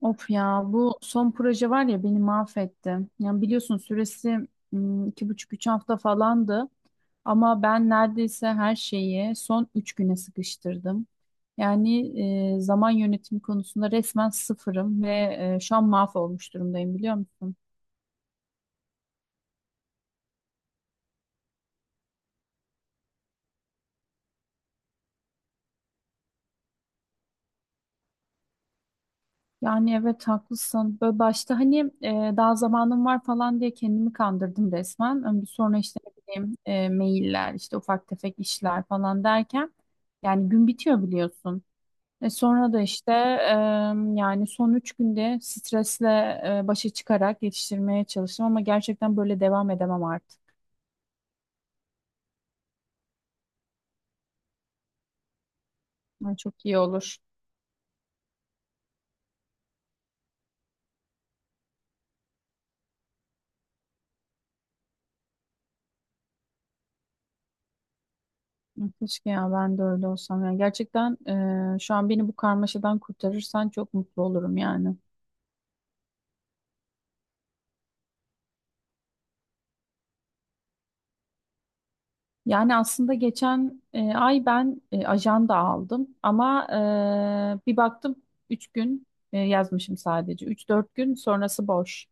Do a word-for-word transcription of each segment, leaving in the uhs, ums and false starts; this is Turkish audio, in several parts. Of ya bu son proje var ya beni mahvetti. Yani biliyorsun süresi mm, iki buçuk üç hafta falandı. Ama ben neredeyse her şeyi son üç güne sıkıştırdım. Yani e, zaman yönetimi konusunda resmen sıfırım ve e, şu an mahvolmuş durumdayım biliyor musun? Yani evet, haklısın. Böyle başta hani e, daha zamanım var falan diye kendimi kandırdım resmen. Ama sonra işte ne bileyim e, mailler, işte ufak tefek işler falan derken yani gün bitiyor, biliyorsun. E sonra da işte em, yani son üç günde stresle e, başa çıkarak yetiştirmeye çalıştım ama gerçekten böyle devam edemem artık. Ay, çok iyi olur. Keşke ya ben de öyle olsam. Yani gerçekten e, şu an beni bu karmaşadan kurtarırsan çok mutlu olurum yani. Yani aslında geçen e, ay ben e, ajanda aldım ama e, bir baktım üç gün e, yazmışım sadece. Üç dört gün sonrası boş.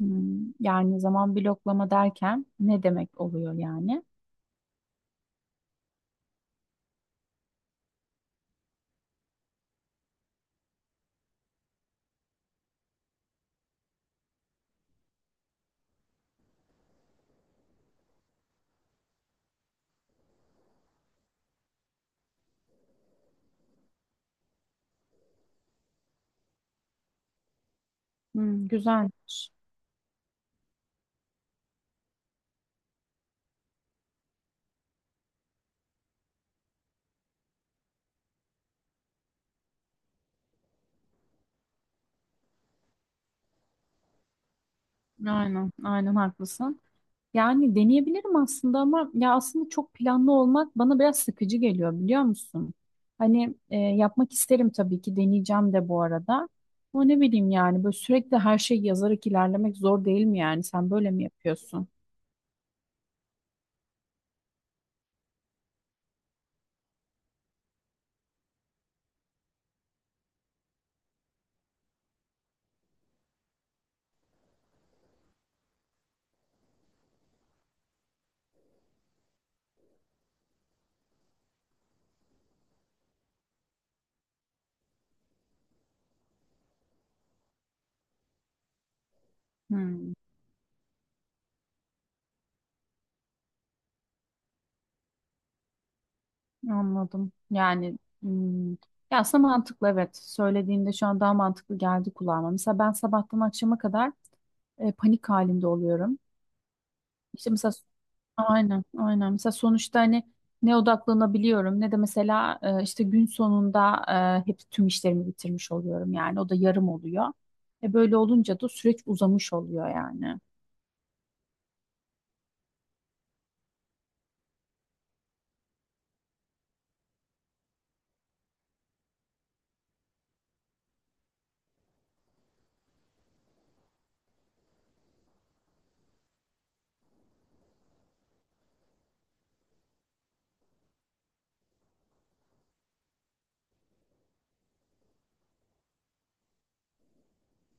Hmm, yani zaman bloklama derken ne demek oluyor yani? Hmm, güzelmiş. Aynen, aynen haklısın. Yani deneyebilirim aslında ama ya aslında çok planlı olmak bana biraz sıkıcı geliyor, biliyor musun? Hani e, yapmak isterim tabii ki, deneyeceğim de bu arada. Ama ne bileyim yani, böyle sürekli her şeyi yazarak ilerlemek zor değil mi yani? Sen böyle mi yapıyorsun? Hmm. Anladım. Yani hmm, ya aslında mantıklı, evet. Söylediğinde şu an daha mantıklı geldi kulağıma. Mesela ben sabahtan akşama kadar e, panik halinde oluyorum. İşte mesela aynen, aynen. Mesela sonuçta hani ne odaklanabiliyorum ne de mesela e, işte gün sonunda e, hep tüm işlerimi bitirmiş oluyorum yani. O da yarım oluyor. E, böyle olunca da süreç uzamış oluyor yani.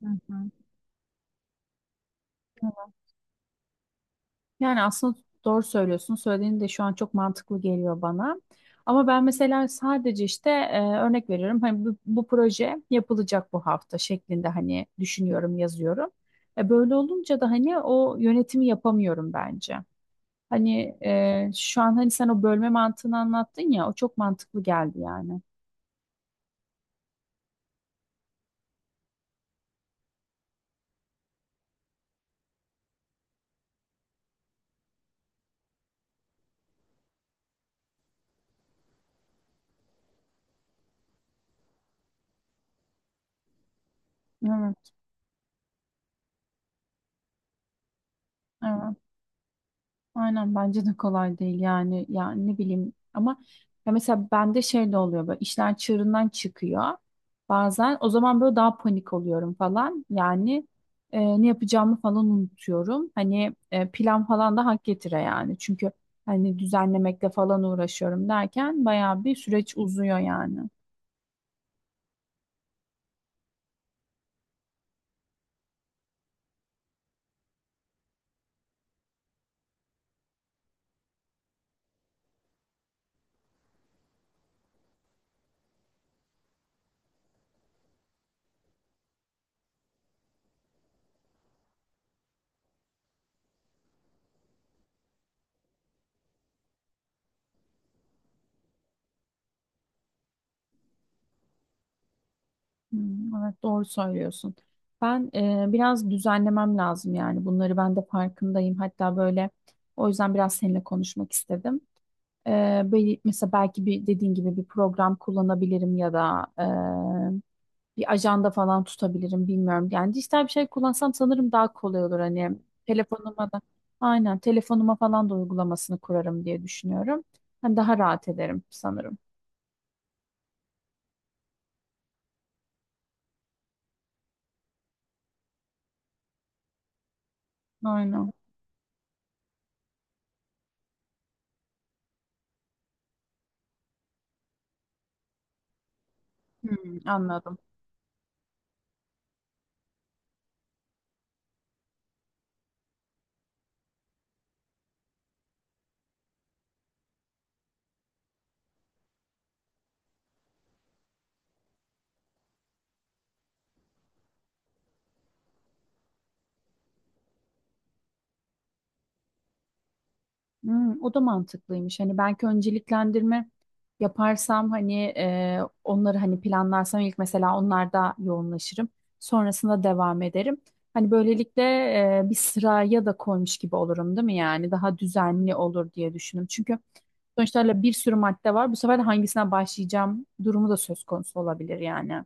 Hı hı. Yani aslında doğru söylüyorsun. Söylediğin de şu an çok mantıklı geliyor bana. Ama ben mesela sadece işte e, örnek veriyorum. Hani bu, bu proje yapılacak bu hafta şeklinde hani düşünüyorum, yazıyorum. E, böyle olunca da hani o yönetimi yapamıyorum bence. Hani e, şu an hani sen o bölme mantığını anlattın ya, o çok mantıklı geldi yani. Evet, evet. Aynen, bence de kolay değil yani yani ne bileyim ama ya mesela bende şey de oluyor, böyle işler çığırından çıkıyor bazen. O zaman böyle daha panik oluyorum falan yani, e, ne yapacağımı falan unutuyorum, hani e, plan falan da hak getire yani. Çünkü hani düzenlemekle falan uğraşıyorum derken bayağı bir süreç uzuyor yani. Hmm, evet, doğru söylüyorsun. Ben e, biraz düzenlemem lazım yani bunları, ben de farkındayım, hatta böyle o yüzden biraz seninle konuşmak istedim. Ee, böyle mesela belki bir dediğin gibi bir program kullanabilirim ya da e, bir ajanda falan tutabilirim, bilmiyorum. Yani dijital bir şey kullansam sanırım daha kolay olur, hani telefonuma da aynen telefonuma falan da uygulamasını kurarım diye düşünüyorum. Hani daha rahat ederim sanırım. Aynen. Hmm, anladım. Hmm, o da mantıklıymış. Hani belki önceliklendirme yaparsam hani e, onları hani planlarsam ilk, mesela onlarda yoğunlaşırım. Sonrasında devam ederim. Hani böylelikle e, bir sıraya da koymuş gibi olurum değil mi yani? Daha düzenli olur diye düşündüm. Çünkü sonuçta öyle bir sürü madde var. Bu sefer de hangisine başlayacağım durumu da söz konusu olabilir yani.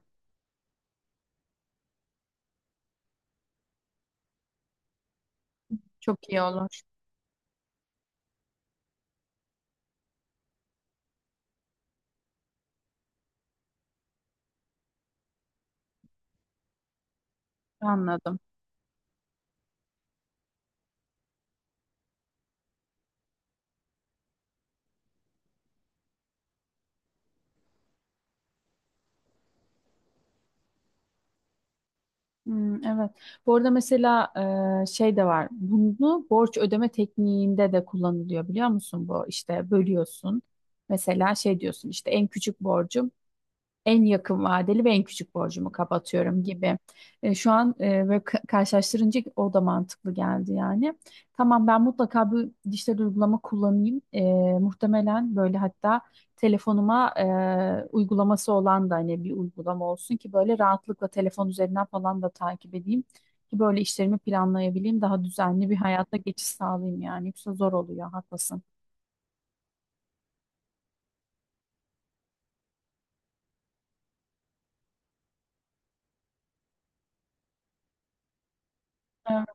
Çok iyi olur. Anladım. Hmm, evet. Bu arada mesela e, şey de var. Bunu borç ödeme tekniğinde de kullanılıyor, biliyor musun? Bu işte bölüyorsun. Mesela şey diyorsun, işte en küçük borcum, en yakın vadeli ve en küçük borcumu kapatıyorum gibi. E, şu an e, böyle ka- karşılaştırınca o da mantıklı geldi yani. Tamam, ben mutlaka bir dijital uygulama kullanayım. E, muhtemelen böyle, hatta telefonuma e, uygulaması olan da, hani bir uygulama olsun ki böyle rahatlıkla telefon üzerinden falan da takip edeyim. Ki böyle işlerimi planlayabileyim, daha düzenli bir hayata geçiş sağlayayım yani. Yoksa zor oluyor, haklısın. Evet.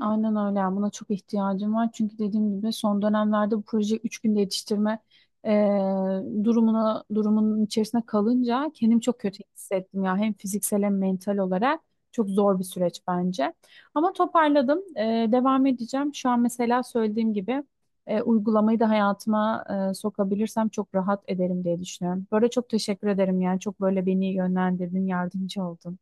Aynen öyle. Yani buna çok ihtiyacım var. Çünkü dediğim gibi son dönemlerde bu proje üç günde yetiştirme eee, durumuna durumun içerisine kalınca kendimi çok kötü hissettim ya. Hem fiziksel hem mental olarak çok zor bir süreç bence. Ama toparladım. Eee, devam edeceğim. Şu an mesela söylediğim gibi eee, uygulamayı da hayatıma eee, sokabilirsem çok rahat ederim diye düşünüyorum. Böyle çok teşekkür ederim yani. Çok böyle beni yönlendirdin, yardımcı oldun.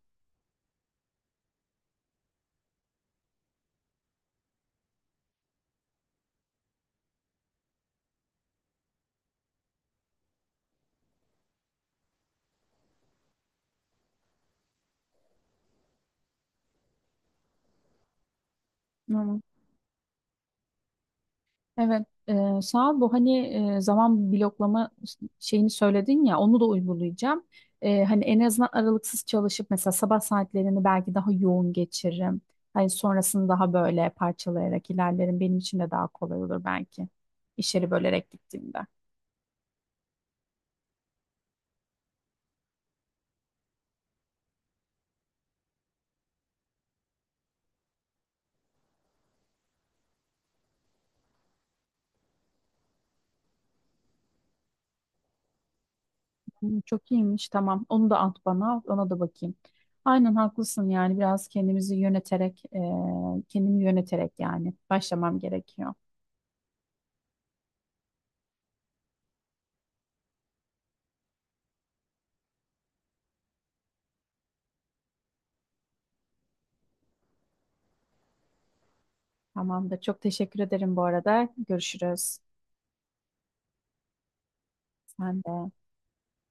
Hı. Evet, e, sağ ol. Bu hani e, zaman bloklama şeyini söyledin ya, onu da uygulayacağım. E, hani en azından aralıksız çalışıp mesela sabah saatlerini belki daha yoğun geçiririm. Hani sonrasını daha böyle parçalayarak ilerlerim. Benim için de daha kolay olur belki. İşleri bölerek gittiğimde. Hı, çok iyiymiş, tamam. Onu da at bana, ona da bakayım. Aynen haklısın yani biraz kendimizi yöneterek, e, kendimi yöneterek yani başlamam gerekiyor. Tamamdır. Çok teşekkür ederim bu arada. Görüşürüz. Sen de.